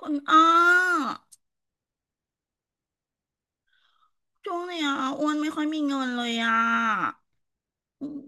คุณอ้อช่วงเนี้ยอ้วนไม่ค่อยมีเงินเลยอ่ะอืม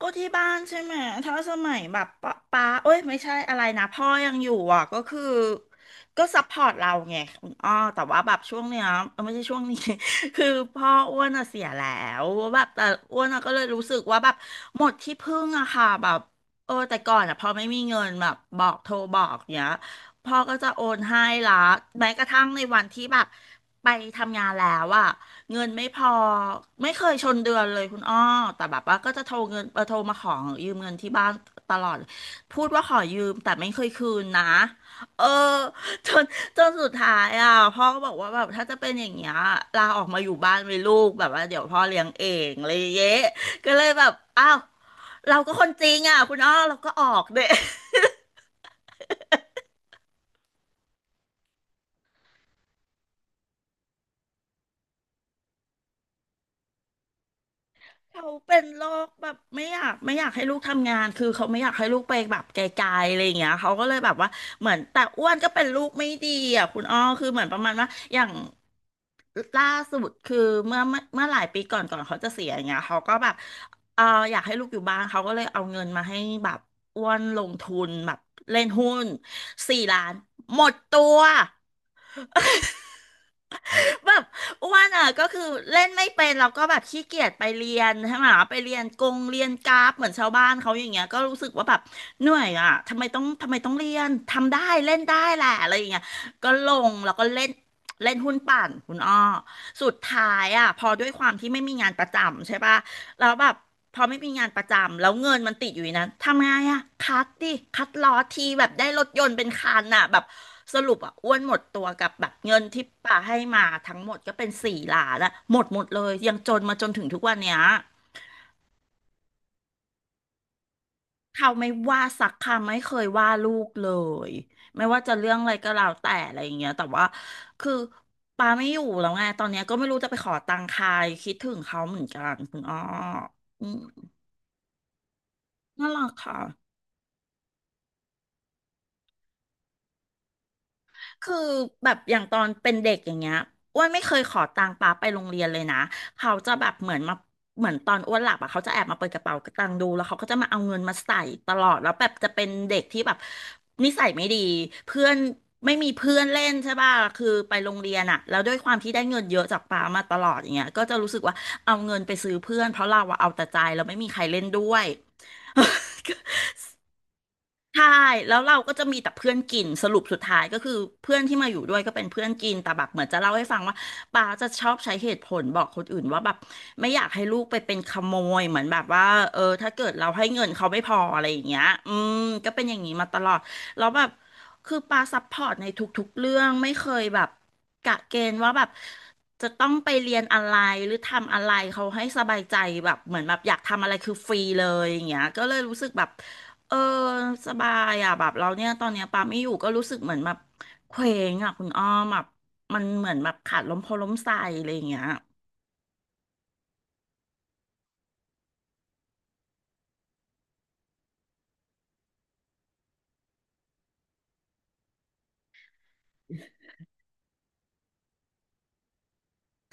ก็ที่บ้านใช่ไหม ถ้าสมัยแบบป้าปาเอ้ยไม่ใช่อะไรนะพ่อยังอยู่อ่ะก็คือก็ซัพพอร์ตเราไงคุณอ้อแต่ว่าแบบช่วงเนี้ยเอ้ยไม่ใช่ช่วงนี้ คือพ่ออ้วนอะเสียแล้วแบบแต่อ้วนอะก็เลยรู้สึกว่าแบบหมดที่พึ่งอะค่ะแบบเออแต่ก่อนอะพอไม่มีเงินแบบบอกโทรบอกเนี้ยพ่อก็จะโอนให้ละแม้กระทั่งในวันที่แบบไปทำงานแล้วอะ เงินไม่พอไม่เคยชนเดือนเลยคุณอ้อแต่แบบว่าก็จะโทรเงินโทรมาขอยืมเงินที่บ้านตลอดพูดว่าขอยืมแต่ไม่เคยคืนนะเออจนจนสุดท้ายอ่ะพ่อก็บอกว่าแบบถ้าจะเป็นอย่างเงี้ยลาออกมาอยู่บ้านเลยลูกแบบว่าเดี๋ยวพ่อเลี้ยงเองเลยางเย้ก็เลยแบบอ้าวเราก็คนจริงอ่ะคุณอ้อเราก็ออกเด้ เขาเป็นโรคแบบไม่อยากให้ลูกทำงานคือเขาไม่อยากให้ลูกไปแบบไกลๆอะไรอย่างเงี้ยเขาก็เลยแบบว่าเหมือนแต่อ้วนก็เป็นลูกไม่ดีอ่ะคุณอ้อคือเหมือนประมาณว่าอย่างล่าสุดคือเมื่อหลายปีก่อนก่อนเขาจะเสียอย่างเงี้ยเขาก็แบบเอออยากให้ลูกอยู่บ้านเขาก็เลยเอาเงินมาให้แบบอ้วนลงทุนแบบเล่นหุ้นสี่ล้านหมดตัว แบบอ้วนอ่ะก็คือเล่นไม่เป็นแล้วก็แบบขี้เกียจไปเรียนใช่ไหมไปเรียนกงเรียนกราฟเหมือนชาวบ้านเขาอย่างเงี้ยก็รู้สึกว่าแบบเหนื่อยอ่ะทำไมต้องเรียนทำได้เล่นได้แหละอะไรอย่างเงี้ยก็ลงแล้วก็เล่นเล่นหุ้นปั่นคุณอ้อสุดท้ายอ่ะพอด้วยความที่ไม่มีงานประจำใช่ปะ แล้วแบบพอไม่มีงานประจำแล้วเงินมันติดอยู่ในนั้นทำไงอะคัดดิคัดล้อทีแบบได้รถยนต์เป็นคันอะแบบสรุปอะอ้วนหมดตัวกับแบบเงินที่ป่าให้มาทั้งหมดก็เป็นสี่ล้านอะหมดหมดเลยยังจนมาจนถึงทุกวันเนี้ยเขาไม่ว่าสักคำไม่เคยว่าลูกเลยไม่ว่าจะเรื่องอะไรก็แล้วแต่อะไรอย่างเงี้ยแต่ว่าคือปาไม่อยู่แล้วไงตอนเนี้ยก็ไม่รู้จะไปขอตังค์ใครคิดถึงเขาเหมือนกันคุณอ้ออืมน่ารักค่ะ คือแบบอย่างตอนเป็นเด็กอย่างเงี้ยอ้วนไม่เคยขอตังค์ป้าไปโรงเรียนเลยนะเขาจะแบบเหมือนมาเหมือนตอนอ้วนหลับอ่ะเขาจะแอบมาเปิดกระเป๋าตังค์ดูแล้วเขาก็จะมาเอาเงินมาใส่ตลอดแล้วแบบจะเป็นเด็กที่แบบนิสัยไม่ดีเพื่อนไม่มีเพื่อนเล่นใช่ป่ะคือไปโรงเรียนอ่ะแล้วด้วยความที่ได้เงินเยอะจากป้ามาตลอดอย่างเงี้ยก็จะรู้สึกว่าเอาเงินไปซื้อเพื่อนเพราะเราอะเอาแต่ใจเราไม่มีใครเล่นด้วย ใช่แล้วเราก็จะมีแต่เพื่อนกินสรุปสุดท้ายก็คือเพื่อนที่มาอยู่ด้วยก็เป็นเพื่อนกิน แต่แบบเหมือนจะเล่าให้ฟังว่าป้าจะชอบใช้เหตุผลบอกคนอื่นว่าแบบไม่อยากให้ลูกไปเป็นขโมยเหมือนแบบว่าเออถ้าเกิดเราให้เงินเขาไม่พออะไรอย่างเงี้ยอืมก็เป็นอย่างนี้มาตลอดแล้วแบบคือป้าซัพพอร์ตในทุกๆเรื่องไม่เคยแบบกะเกณฑ์ว่าแบบจะต้องไปเรียนอะไรหรือทำอะไรเขาให้สบายใจแบบเหมือนแบบอยากทำอะไรคือฟรีเลยอย่างเงี้ยก็เลยรู้สึกแบบ เออสบายอ่ะแบบเราเนี่ยตอนเนี้ยปาไม่อยู่ก็รู้สึกเหมือนแบบเคว้งอ่ะคุณอ้อมแบบมันเหมือนแบบขาดลมโพล้มใสอะไรอย่างเงี้ย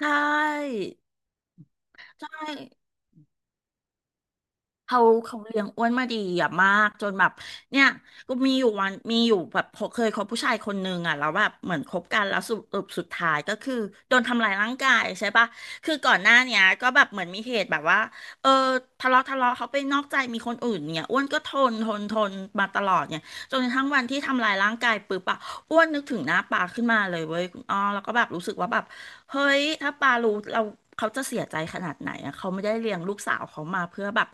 ใช่ใช่ เขาเขาเลี้ยงอ้วนมาดีอะมากจนแบบเนี่ยก็มีอยู่วันมีอยู่แบบพอเคยคบผู้ชายคนนึงอะแล้วแบบเหมือนคบกันแล้วสรุปสุดท้ายก็คือโดนทำลายร่างกายใช่ปะคือก่อนหน้าเนี้ยก็แบบเหมือนมีเหตุแบบว่าเออทะเลาะเขาไปนอกใจมีคนอื่นเนี่ยอ้วนก็ทนมาตลอดเนี่ยจนกระทั่งวันที่ทำลายร่างกายปุ๊บอะอ้วนนึกถึงหน้าปาขึ้นมาเลยเว้ยคุณอ้อแล้วก็แบบรู้สึกว่าแบบ เฮ้ย ถ้าปารู้เราเขาจะเสียใจขนาดไหนอะเขาไม่ได้เลี้ยงลูกสาวเขามาเพื่อแบบ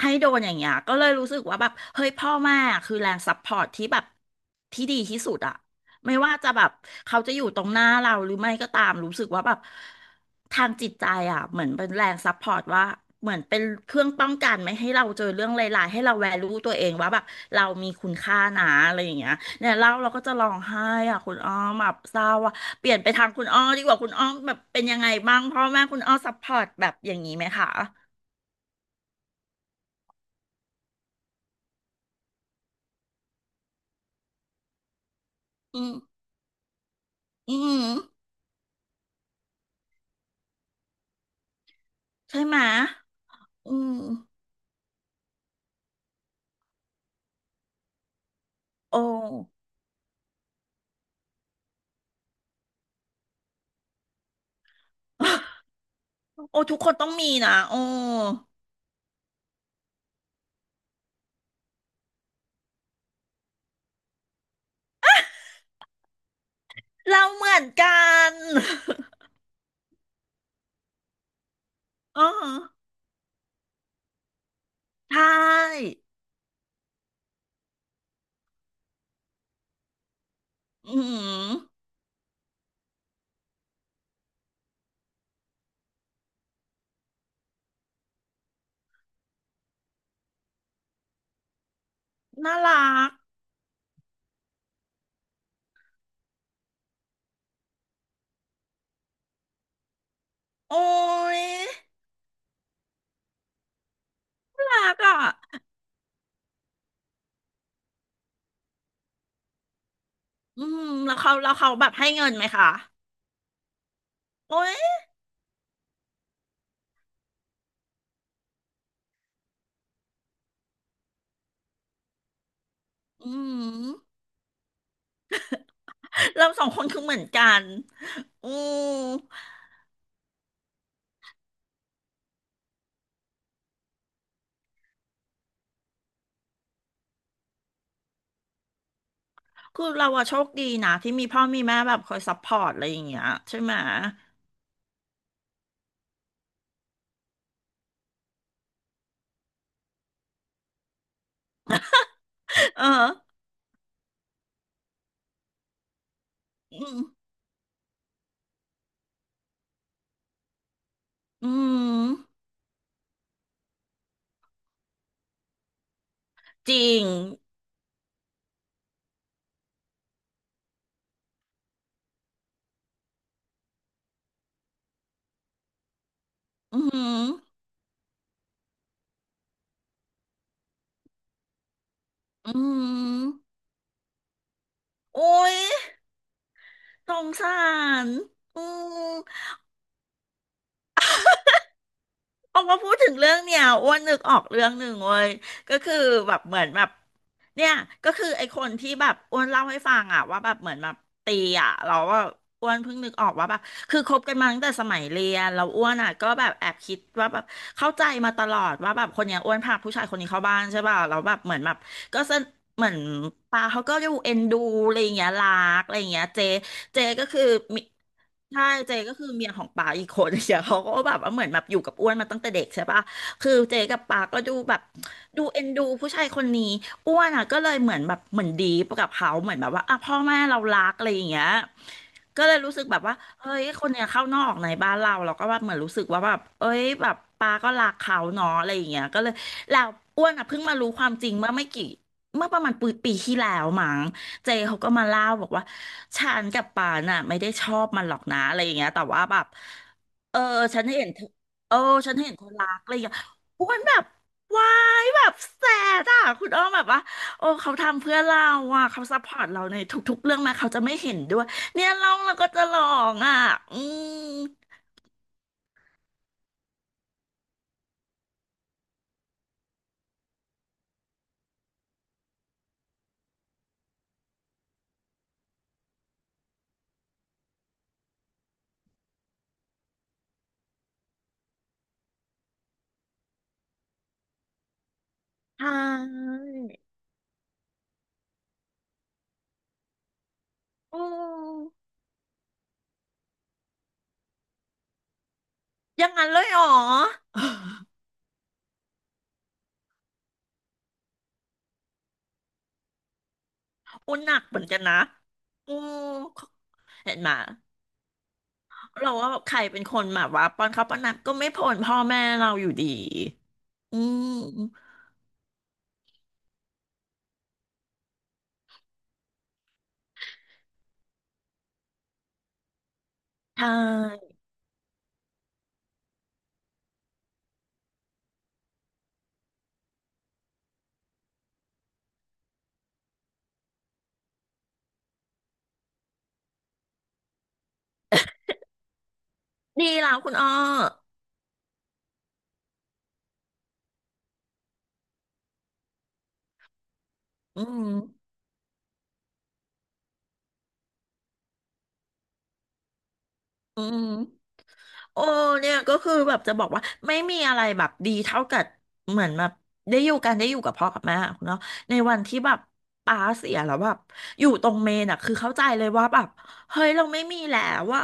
ให้โดนอย่างเงี้ยก็เลยรู้สึกว่าแบบเฮ้ยพ่อแม่คือแรงซัพพอร์ตที่แบบที่ดีที่สุดอะ ไม่ว่าจะแบบเขาจะอยู่ตรงหน้าเราหรือไม่ก็ตามรู้สึกว่าแบบทางจิตใจอ่ะเหมือนเป็นแรงซัพพอร์ตว่าเหมือนเป็นเครื่องป้องกันไม่ให้เราเจอเรื่องร้ายๆให้เราแวลูตัวเองว่าแบบเรามีคุณค่านะอะไรอย่างเงี้ยเนี่ยเล่าเราก็จะร้องไห้อ่ะคุณอ้อมแบบเศร้าอ่ะเปลี่ยนไปทางคุณอ้อดีกว่าคุณอ้อมแบบเป็นยังไงบ้างพ่อแม่คุณอ้อซัพพอร์ตแบบอย่างนี้ไหมคะอืมอืมใช่ไหมยอืมโอ้ โอ้ทุกคนต้องมีนะโอ้ เราเหมือนกัน อ๋อใช่อืมน่ารัก โอ้ยน่ารักอ่ะอืมแล้วเขาแล้วเขาแบบให้เงินไหมคะ โอ้ยอืมเราสองคนคือเหมือนกัน อืมคือเราอะโชคดีนะที่มีพ่อมีแม่แบบคอยซัพพอร์ตอะไรอย่างเงี้ยใช่ไหม เอออืมอืมจริงอืมอืมโอ้ยสงสารอืม ออกมาพูดถึงเรื่องเนี่ยอ้วนนึกออกเรื่องหนึ่งเว้ยก็คือแบบเหมือนแบบเนี่ยก็คือไอ้คนที่แบบอ้วนเล่าให้ฟังอะว่าแบบเหมือนแบบตีอ่ะเราว่าอ้วนเพิ่งนึกออกว่าแบบคือคบกันมาตั้งแต่สมัยเรียนเราอ้วนอะก็แบบแอบคิดว่าแบบเข้าใจมาตลอดว่าแบบคนเนี้ยอ้วนพาผู้ชายคนนี้เข้าบ้านใช่ป่ะเราแล้วแบบเหมือนแบบก็สนเหมือนปาเขาก็ดูเอ็นดูอะไรอย่างเงี้ยรักอะไรอย่างเงี้ยเจเจก็คือมี ใช่เจก็คือเมียของป๋าอีกคนเดียวเขาก็แบบว่าเหมือนแบบอยู่กับอ้วนมาตั้งแต่เด็กใช่ปะคือเจกับป๋าก็ดูแบบดูเอ็นดูผู้ชายคนนี้อ้วนอ่ะก็เลยเหมือนแบบเหมือนดีปกับเขาเหมือนแบบว่าอ่ะพ่อแม่เรารักอะไรอย่างเงี้ยก็เลยรู้สึกแบบว่าเฮ้ยคนเนี้ยเข้านอกในบ้านเราเราก็ว่าเหมือนรู้สึกว่าแบบเอ้ยแบบป๋าก็รักเขาเนาะอะไรอย่างเงี้ยก็เลยแล้วอ้วนอ่ะเพิ่งมารู้ความจริงเมื่อไม่กี่เมื่อประมาณปีที่แล้วมั้ง เจเขาก็มาเล่าบอกว่าฉันกับปานน่ะไม่ได้ชอบมันหรอกนะอะไรอย่างเงี้ยแต่ว่าแบบเออฉันเห็นเธอเออฉันเห็นเธอรักอะไรอย่างเงี้ยอ้วนแบบวายแบบแสดอ่ะคุณอ้อมแบบว่าโอ้เขาทำเพื่อเราอ่ะเขาซัพพอร์ตเราในทุกๆเรื่องแมาเขาจะไม่เห็นด้วยเนี่ยร้องแล้วก็จะร้องอ่ะอืมใช่อืมอย่างนั้นเลยเหรอ โอ้หนักเหมือนกันนะอืมเห็นไหม เราว่าใครเป็นคนแบบว่าป้อนข้าวป้อนน้ำก็ไม่พ้นพ่อแม่เราอยู่ดี อืมใช่ ดีแล้วคุณอ้ออืมอืม โอ้เนี่ยก็คือแบบจะบอกว่าไม่มีอะไรแบบดีเท่ากับเหมือนแบบได้อยู่กันได้อยู่กับพ่อกับแม่อะคุณเนาะในวันที่แบบป้าเสียแล้วแบบอยู่ตรงเมนอะคือเข้าใจเลยว่าแบบเฮ้ยเราไม่มีแล้วว่ะ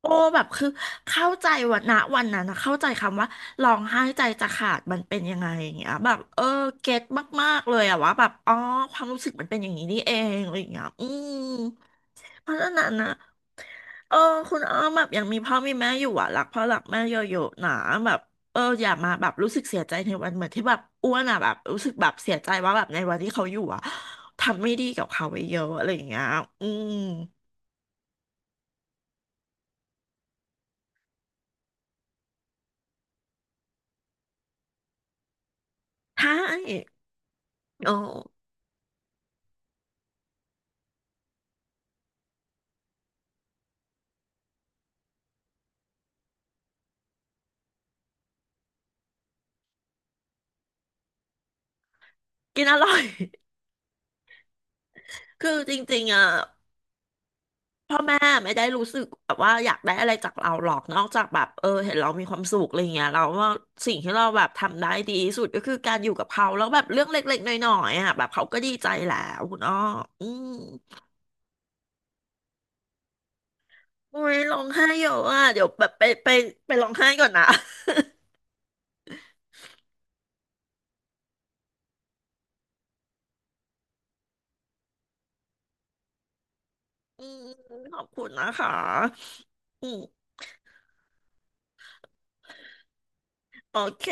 โอ้แบบคือเข้าใจวันนะวันนั้นนะเข้าใจคำว่าร้องไห้ใจจะขาดมันเป็นยังไงอย่างเงี้ยแบบเออเก็ตมากๆเลยอะว่าแบบอ๋อความรู้สึกมันเป็นอย่างนี้นี่เองอะไรอย่างเงี้ยอืม เพราะฉะนั้นนะเออคุณอ้อมแบบยังมีพ่อมีแม่อยู่อ่ะรักพ่อรักแม่เยอะๆนะแบบเอออย่ามาแบบรู้สึกเสียใจในวันเหมือนที่แบบอ้วนอ่ะแบบรู้สึกแบบเสียใจว่าแบบในวันที่เขาอยู่อ่ะทำไม่ดีกับเขาไปเยอะอะไรอย่างเงี้ยอืม ใช่เออกินอร่อย คือจริงๆอ่ะ พ่อแม่ไม่ได้รู้สึกแบบว่าอยากได้อะไรจากเราหรอกนอกจากแบบเออเห็นเรามีความสุขอะไรเงี้ยเราว่าสิ่งที่เราแบบทำได้ดีที่สุดก็คือการอยู่กับเขาแล้วแบบเรื่องเล็กๆน้อยๆอ่ะแบบเขาก็ดีใจแล้วคุณอ้ออืมอุ้ยร้องไห้เยอะอ่ะเดี๋ยวแบบไปร้องไห้ก่อนนะ อืมขอบคุณนะคะอืมโอเค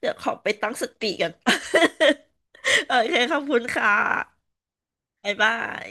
เดี๋ยวขอไปตั้งสติกัน โอเคขอบคุณค่ะบ๊ายบาย